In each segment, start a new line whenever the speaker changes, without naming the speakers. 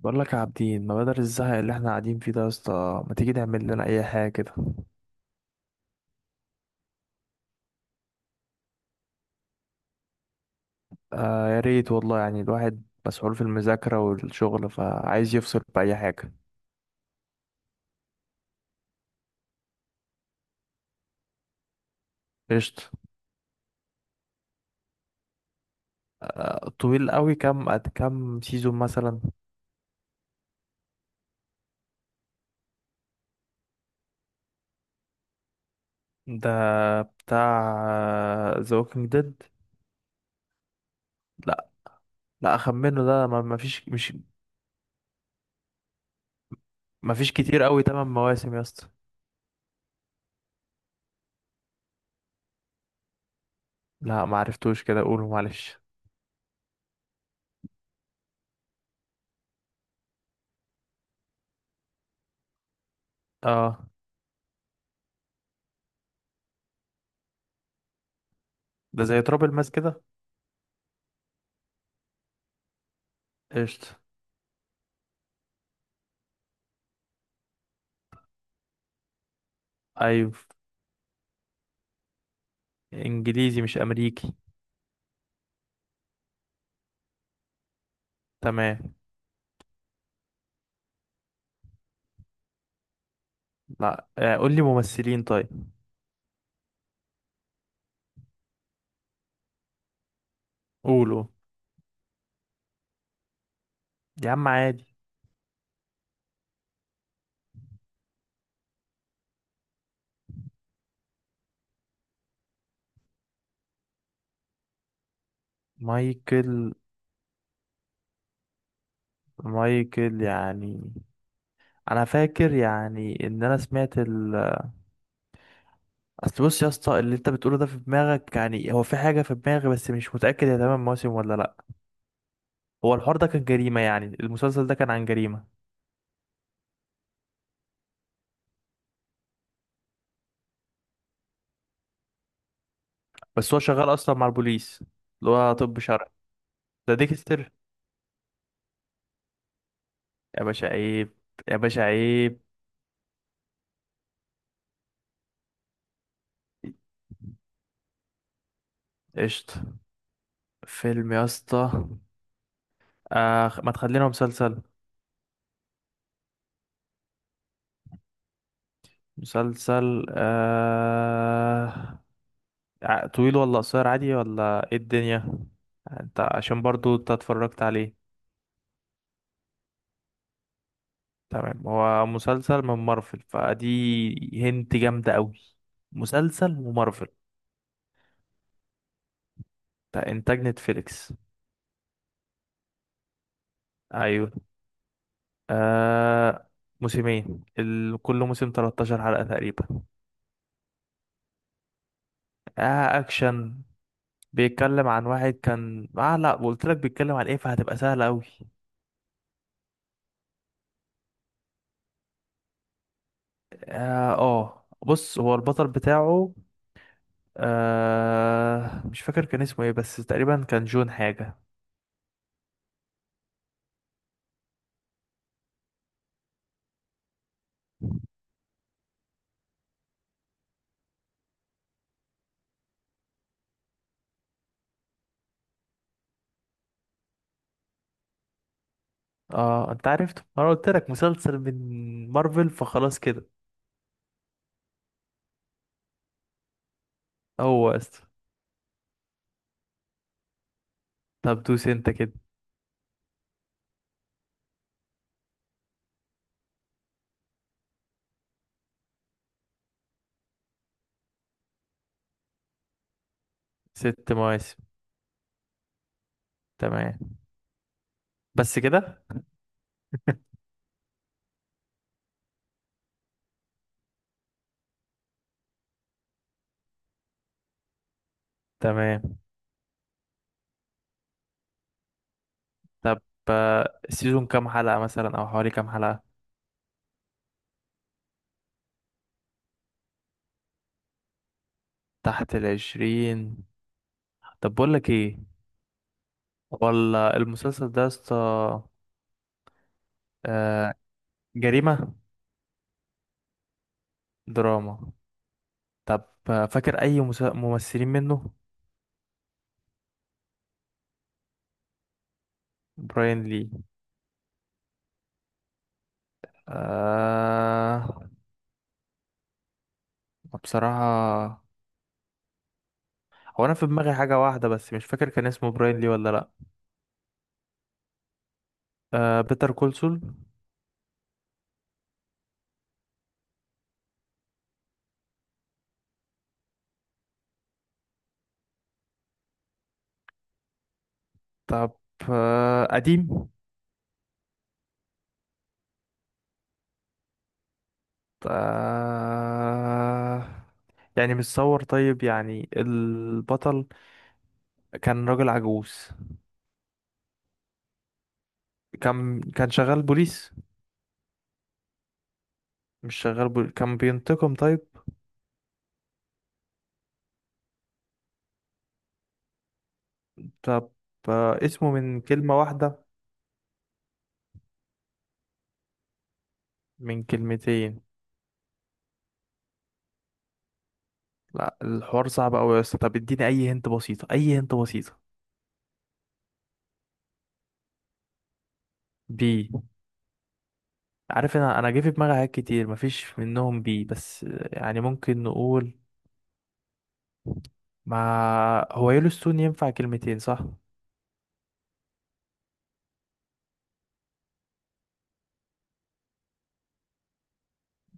بقول لك يا عابدين، ما بدل الزهق اللي احنا قاعدين فيه ده يا اسطى، ما تيجي نعمل لنا اي حاجه كده؟ آه، يا ريت والله، يعني الواحد مسحول في المذاكره والشغل، فعايز يفصل باي حاجه. قشطه. آه، طويل قوي، كام سيزون مثلا؟ ده بتاع ذا ووكينج ديد؟ لا، لا، اخمنه ده، ما فيش، مش... ما فيش كتير قوي، 8 مواسم يا اسطى. لا، ما عرفتوش، كده قوله معلش. اه، ده زي تراب الماس كده. قشطه. ايوه. انجليزي مش امريكي؟ تمام. لا، قول لي ممثلين طيب. قولوا. يا عم عادي. مايكل مايكل يعني... انا فاكر يعني، ان انا سمعت ال... اصل بص يا اسطى، اللي انت بتقوله ده في دماغك يعني، هو في حاجه في دماغي، بس مش متاكد هي تمام موسم ولا لا. هو الحوار ده كان جريمه يعني، المسلسل ده كان عن جريمه؟ بس هو شغال اصلا مع البوليس، اللي هو طب شرعي. ده ديكستر. يا باشا عيب. يا باشا عيب. قشطه. فيلم يا اسطى. آه، ما تخلينا مسلسل. مسلسل. طويل ولا قصير، عادي، ولا ايه الدنيا؟ انت عشان برضو انت اتفرجت عليه؟ تمام. هو مسلسل من مارفل، فدي هنت جامدة قوي. مسلسل ومارفل. بتاع انتاج نتفليكس. ايوه. آه... موسمين، كل موسم 13 حلقة تقريبا. آه، اكشن. بيتكلم عن واحد كان، لا، قلت لك بيتكلم عن ايه، فهتبقى سهلة قوي. اه، آه. بص هو البطل بتاعه. مش فاكر كان اسمه ايه، بس تقريبا كان جون حاجة. اه، انت عرفت، ما انا قلت لك مسلسل من مارفل، فخلاص كده. هو است طب دوس انت كده. 6 مواسم. تمام. بس كده. تمام. طب، السيزون كام حلقة مثلا، او حوالي كام حلقة؟ تحت العشرين. طب بقول لك ايه، ولا المسلسل ده يا اسطى. آه، جريمة؟ دراما. طب، فاكر اي ممثلين منه؟ براين لي؟ آه. بصراحة، هو أنا في دماغي حاجة واحدة، بس مش فاكر كان اسمه براين لي ولا لأ. بيتر كولسول. طب. قديم؟ آه يعني متصور، طيب يعني البطل كان راجل عجوز. كان شغال بوليس. مش شغال، كان بينتقم طيب. طب. اسمه من كلمة واحدة؟ من كلمتين؟ لأ، الحوار صعب أوي يا اسطى، طب اديني أي هنت بسيطة، أي هنت بسيطة. بي؟ عارف، انا جه في دماغي حاجات كتير مفيش منهم بي، بس... يعني ممكن نقول، ما هو يellowstone ينفع كلمتين صح؟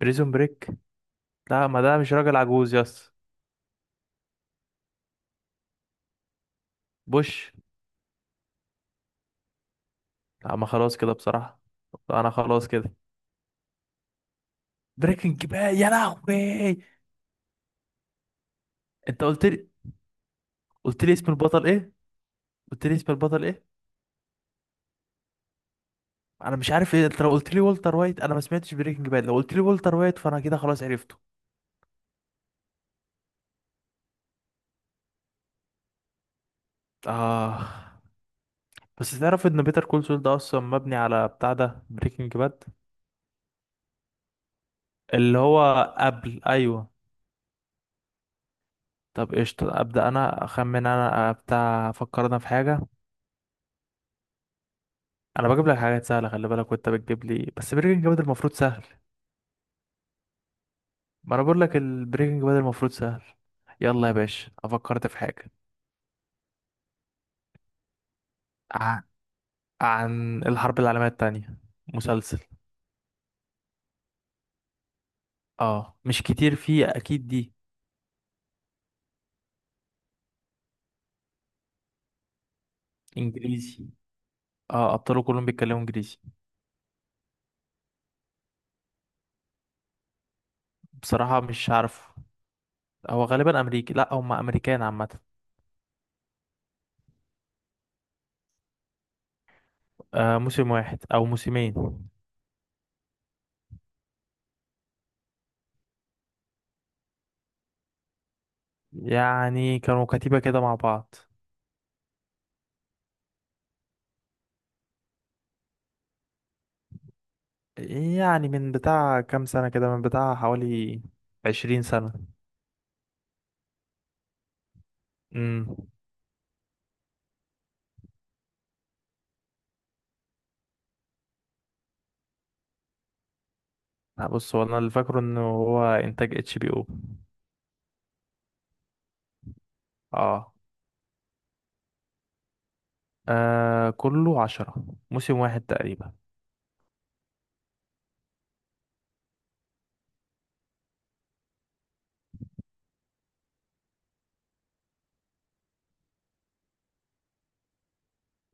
بريزون بريك. لا، ما ده مش راجل عجوز، يس. بوش. لا، ما خلاص كده بصراحة. انا خلاص كده. بريكنج باد! يا لهوي! انت قلت لي. قلت لي اسم البطل ايه. قلت لي اسم البطل ايه. انا مش عارف ايه، انت لو قلت لي والتر وايت، انا ما سمعتش بريكنج باد، لو قلت لي والتر وايت، فانا كده خلاص عرفته. اه. بس تعرف ان بيتر كول سول ده اصلا مبني على بتاع ده، بريكنج باد. اللي هو قبل، أيوه. طب قشطة، أبدأ أنا أخمن، أنا بتاع أفكر أنا في حاجة. أنا بجيب لك حاجات سهلة، خلي بالك، وأنت بتجيب لي، بس بريكنج باد المفروض سهل. ما أنا بقول لك، البريكنج باد المفروض سهل. يلا يا باشا، أفكرت في حاجة. ع- عن الحرب العالمية التانية. مسلسل. اه، مش كتير فيه أكيد دي. إنجليزي. اه، أبطاله كلهم بيتكلموا إنجليزي. بصراحة مش عارف. هو غالبا أمريكي، لأ، هما أمريكان عامة. موسم واحد أو موسمين. يعني كانوا كتيبة كده مع بعض. يعني من بتاع كام سنة كده، من بتاع حوالي 20 سنة. امم. لا، بص، هو أنا اللي فاكره إنه هو إنتاج HBO. آه. كله 10. موسم واحد تقريبا.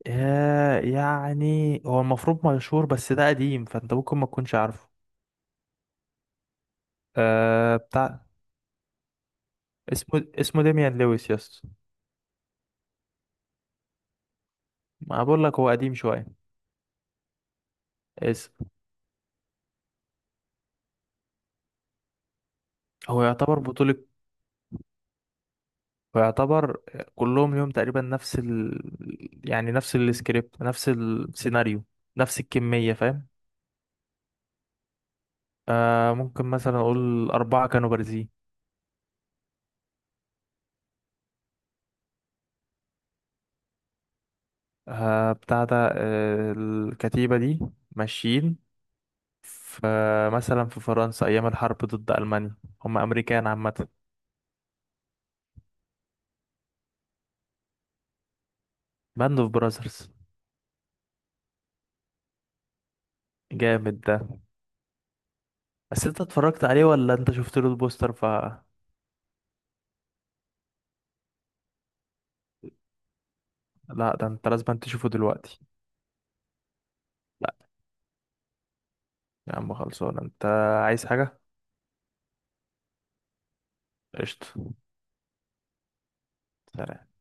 يعني هو المفروض مشهور، بس ده قديم، فأنت ممكن ما تكونش عارفه. بتاع... اسمه ديميان لويس، يس. ما بقول لك، هو قديم شوية. اسم... هو يعتبر بطولة. فيعتبر... كلهم ليهم تقريبا نفس ال... يعني نفس السكريبت، نفس السيناريو. نفس الكمية، فاهم. ممكن مثلا أقول أربعة كانوا بارزين. بتاع ده، الكتيبة دي ماشيين في، مثلا في فرنسا، أيام الحرب ضد ألمانيا. هم أمريكان عامة. باند أوف براذرز! جامد ده. بس أنت اتفرجت عليه ولا أنت شفت له البوستر، ف... لا، ده أنت لازم تشوفه دلوقتي. لا، يا عم خلصان أنت. عايز حاجة؟ قشطة. سلام.